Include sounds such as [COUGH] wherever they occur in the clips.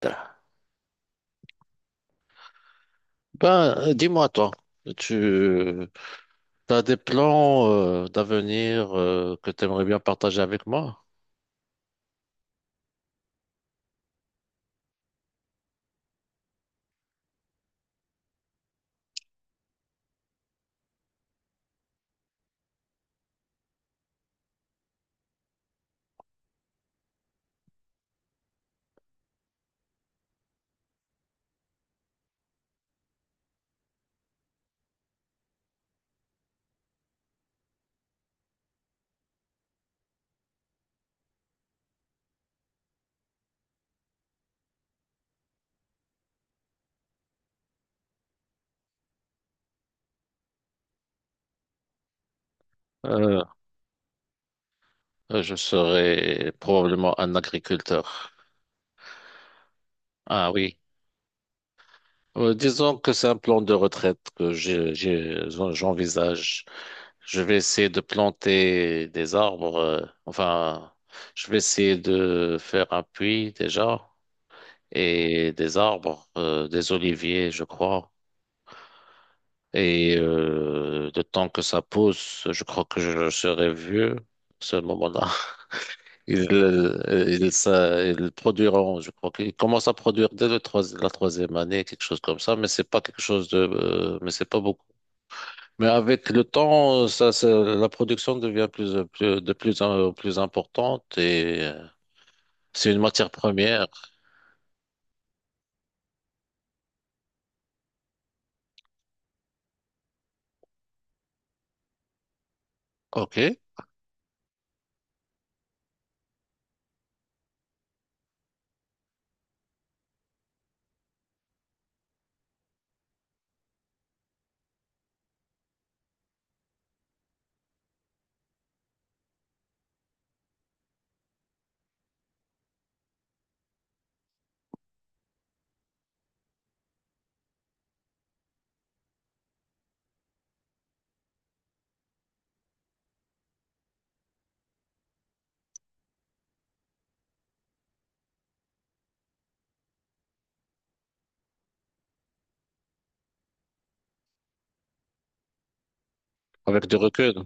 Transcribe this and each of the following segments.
Ben, dis-moi toi, tu as des plans d'avenir que tu aimerais bien partager avec moi? Euh, je serai probablement un agriculteur. Ah oui. Disons que c'est un plan de retraite que j'envisage. Je vais essayer de planter des arbres. Enfin, je vais essayer de faire un puits déjà et des arbres, des oliviers, je crois. Et le temps que ça pousse, je crois que je serai vieux. À ce moment-là, [LAUGHS] ils, euh, ils produiront, je crois qu'ils commencent à produire dès la troisième année, quelque chose comme ça, mais c'est pas quelque chose mais c'est pas beaucoup. Mais avec le temps, la production devient de plus en plus importante et c'est une matière première. OK, avec du recul,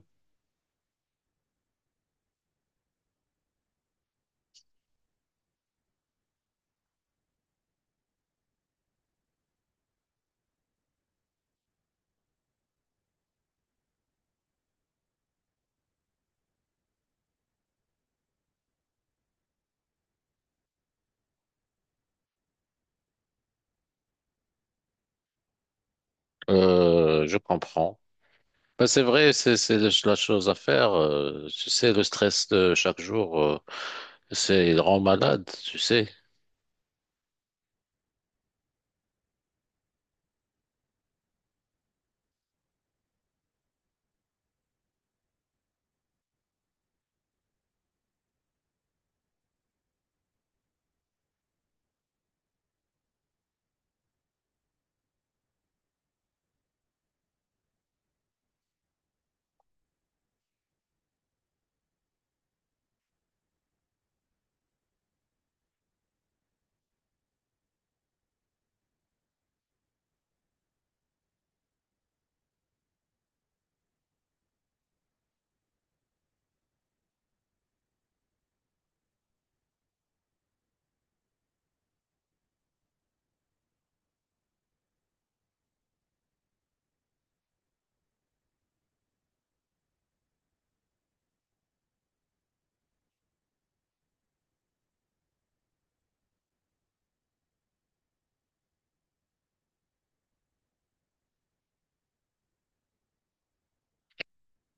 je comprends. Ben, c'est vrai, c'est la chose à faire. Tu sais, le stress de chaque jour, c'est il rend malade, tu sais.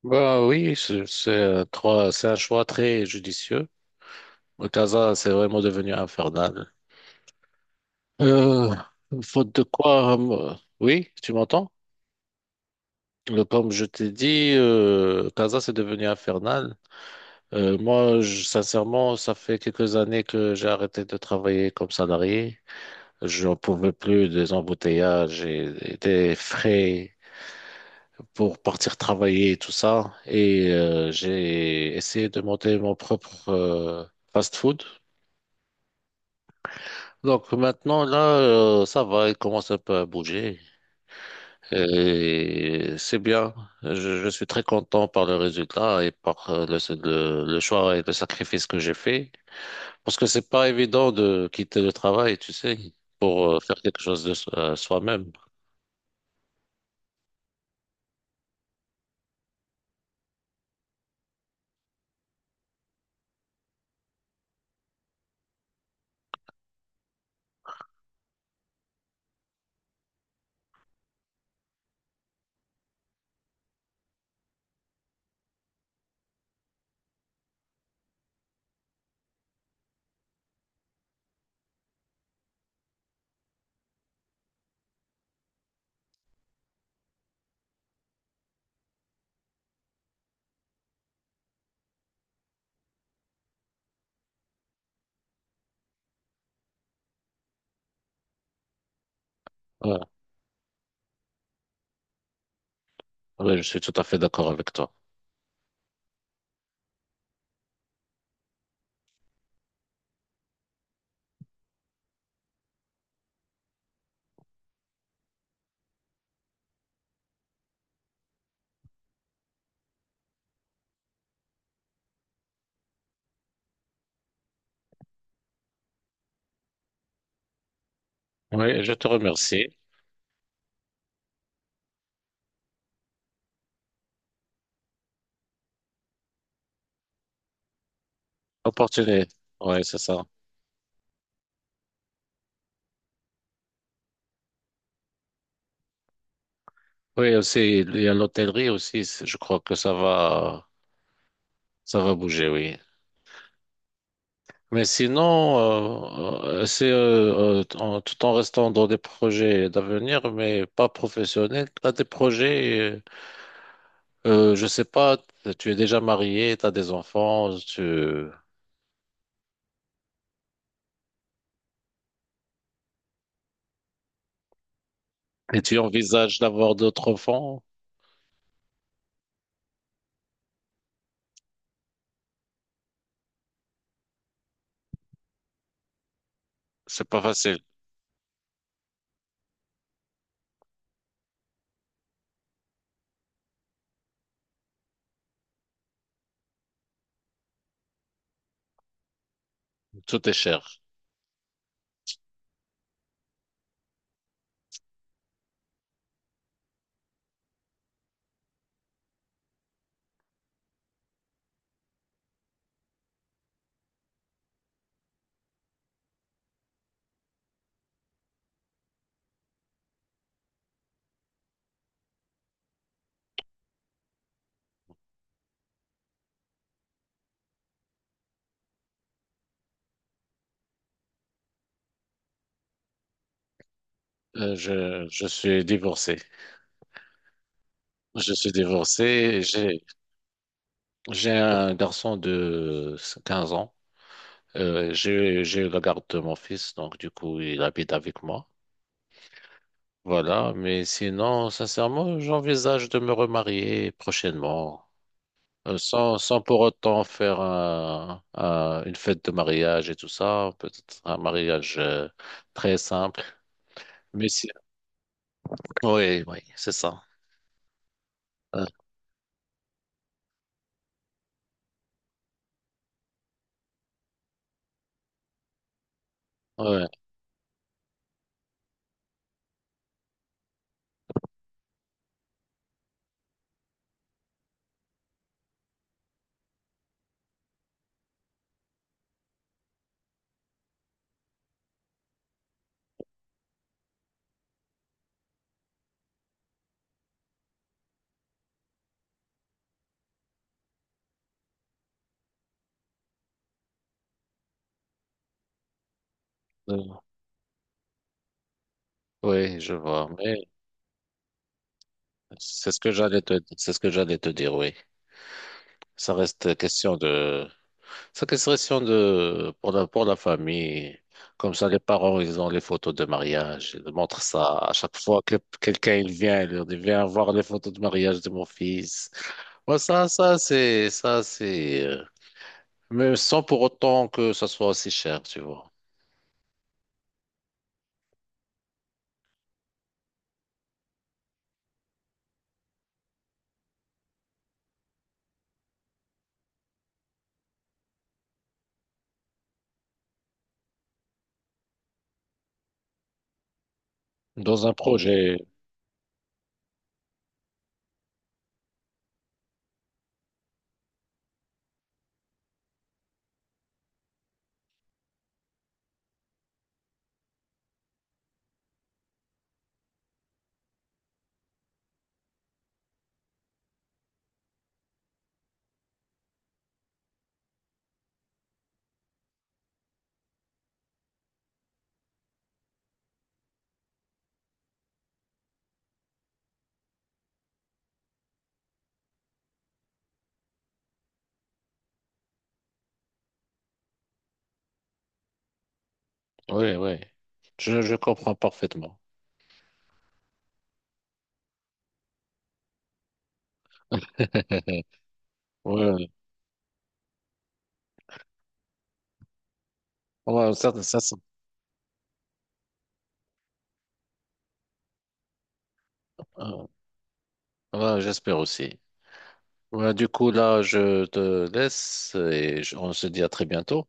Bah oui, c'est un choix très judicieux. Le Casa, c'est vraiment devenu infernal. Euh, Faute de quoi, oui, tu m'entends? Comme je t'ai dit, Casa, c'est devenu infernal. Sincèrement, ça fait quelques années que j'ai arrêté de travailler comme salarié. Je n'en pouvais plus des embouteillages et des frais pour partir travailler et tout ça. Et j'ai essayé de monter mon propre fast-food. Donc maintenant, là, ça va, il commence un peu à bouger. Et c'est bien. Je, je suis très content par le résultat et par le choix et le sacrifice que j'ai fait. Parce que c'est pas évident de quitter le travail, tu sais, pour faire quelque chose de soi-même. Voilà. Ouais Oui, je suis tout à fait d'accord avec toi. Oui, je te remercie. Opportunité. Oui, c'est ça. Oui, aussi, il y a l'hôtellerie aussi. Je crois que ça va bouger, oui. Mais sinon, c'est tout en restant dans des projets d'avenir, mais pas professionnels. T'as des projets, je sais pas, tu es déjà marié, t'as des enfants, tu... Et tu envisages d'avoir d'autres enfants, c'est pas facile, tout est cher. Je suis divorcé. Je suis divorcé, j'ai un garçon de 15 ans. Je regarde mon fils, donc du coup, il habite avec moi. Voilà, mais sinon, sincèrement, j'envisage de me remarier prochainement. Sans pour autant faire une fête de mariage et tout ça, peut-être un mariage très simple. Mais si... Oui, oui, c'est ça. Euh, ouais, euh, oui, je vois. Mais c'est ce que j'allais te dire, oui. Ça reste question de séquestration de, pour la famille. Comme ça, les parents, ils ont les photos de mariage. Ils montrent ça à chaque fois que quelqu'un il vient. Ils leur disent, viens voir les photos de mariage de mon fils. Ouais, mais sans pour autant que ça soit aussi cher, tu vois. Dans un projet, oui, oui. Je comprends parfaitement. [LAUGHS] Ouais, ouais, ça, ça, ça- euh, ouais, j'espère aussi. Ouais, du coup, là, je te laisse et je- on se dit à très bientôt.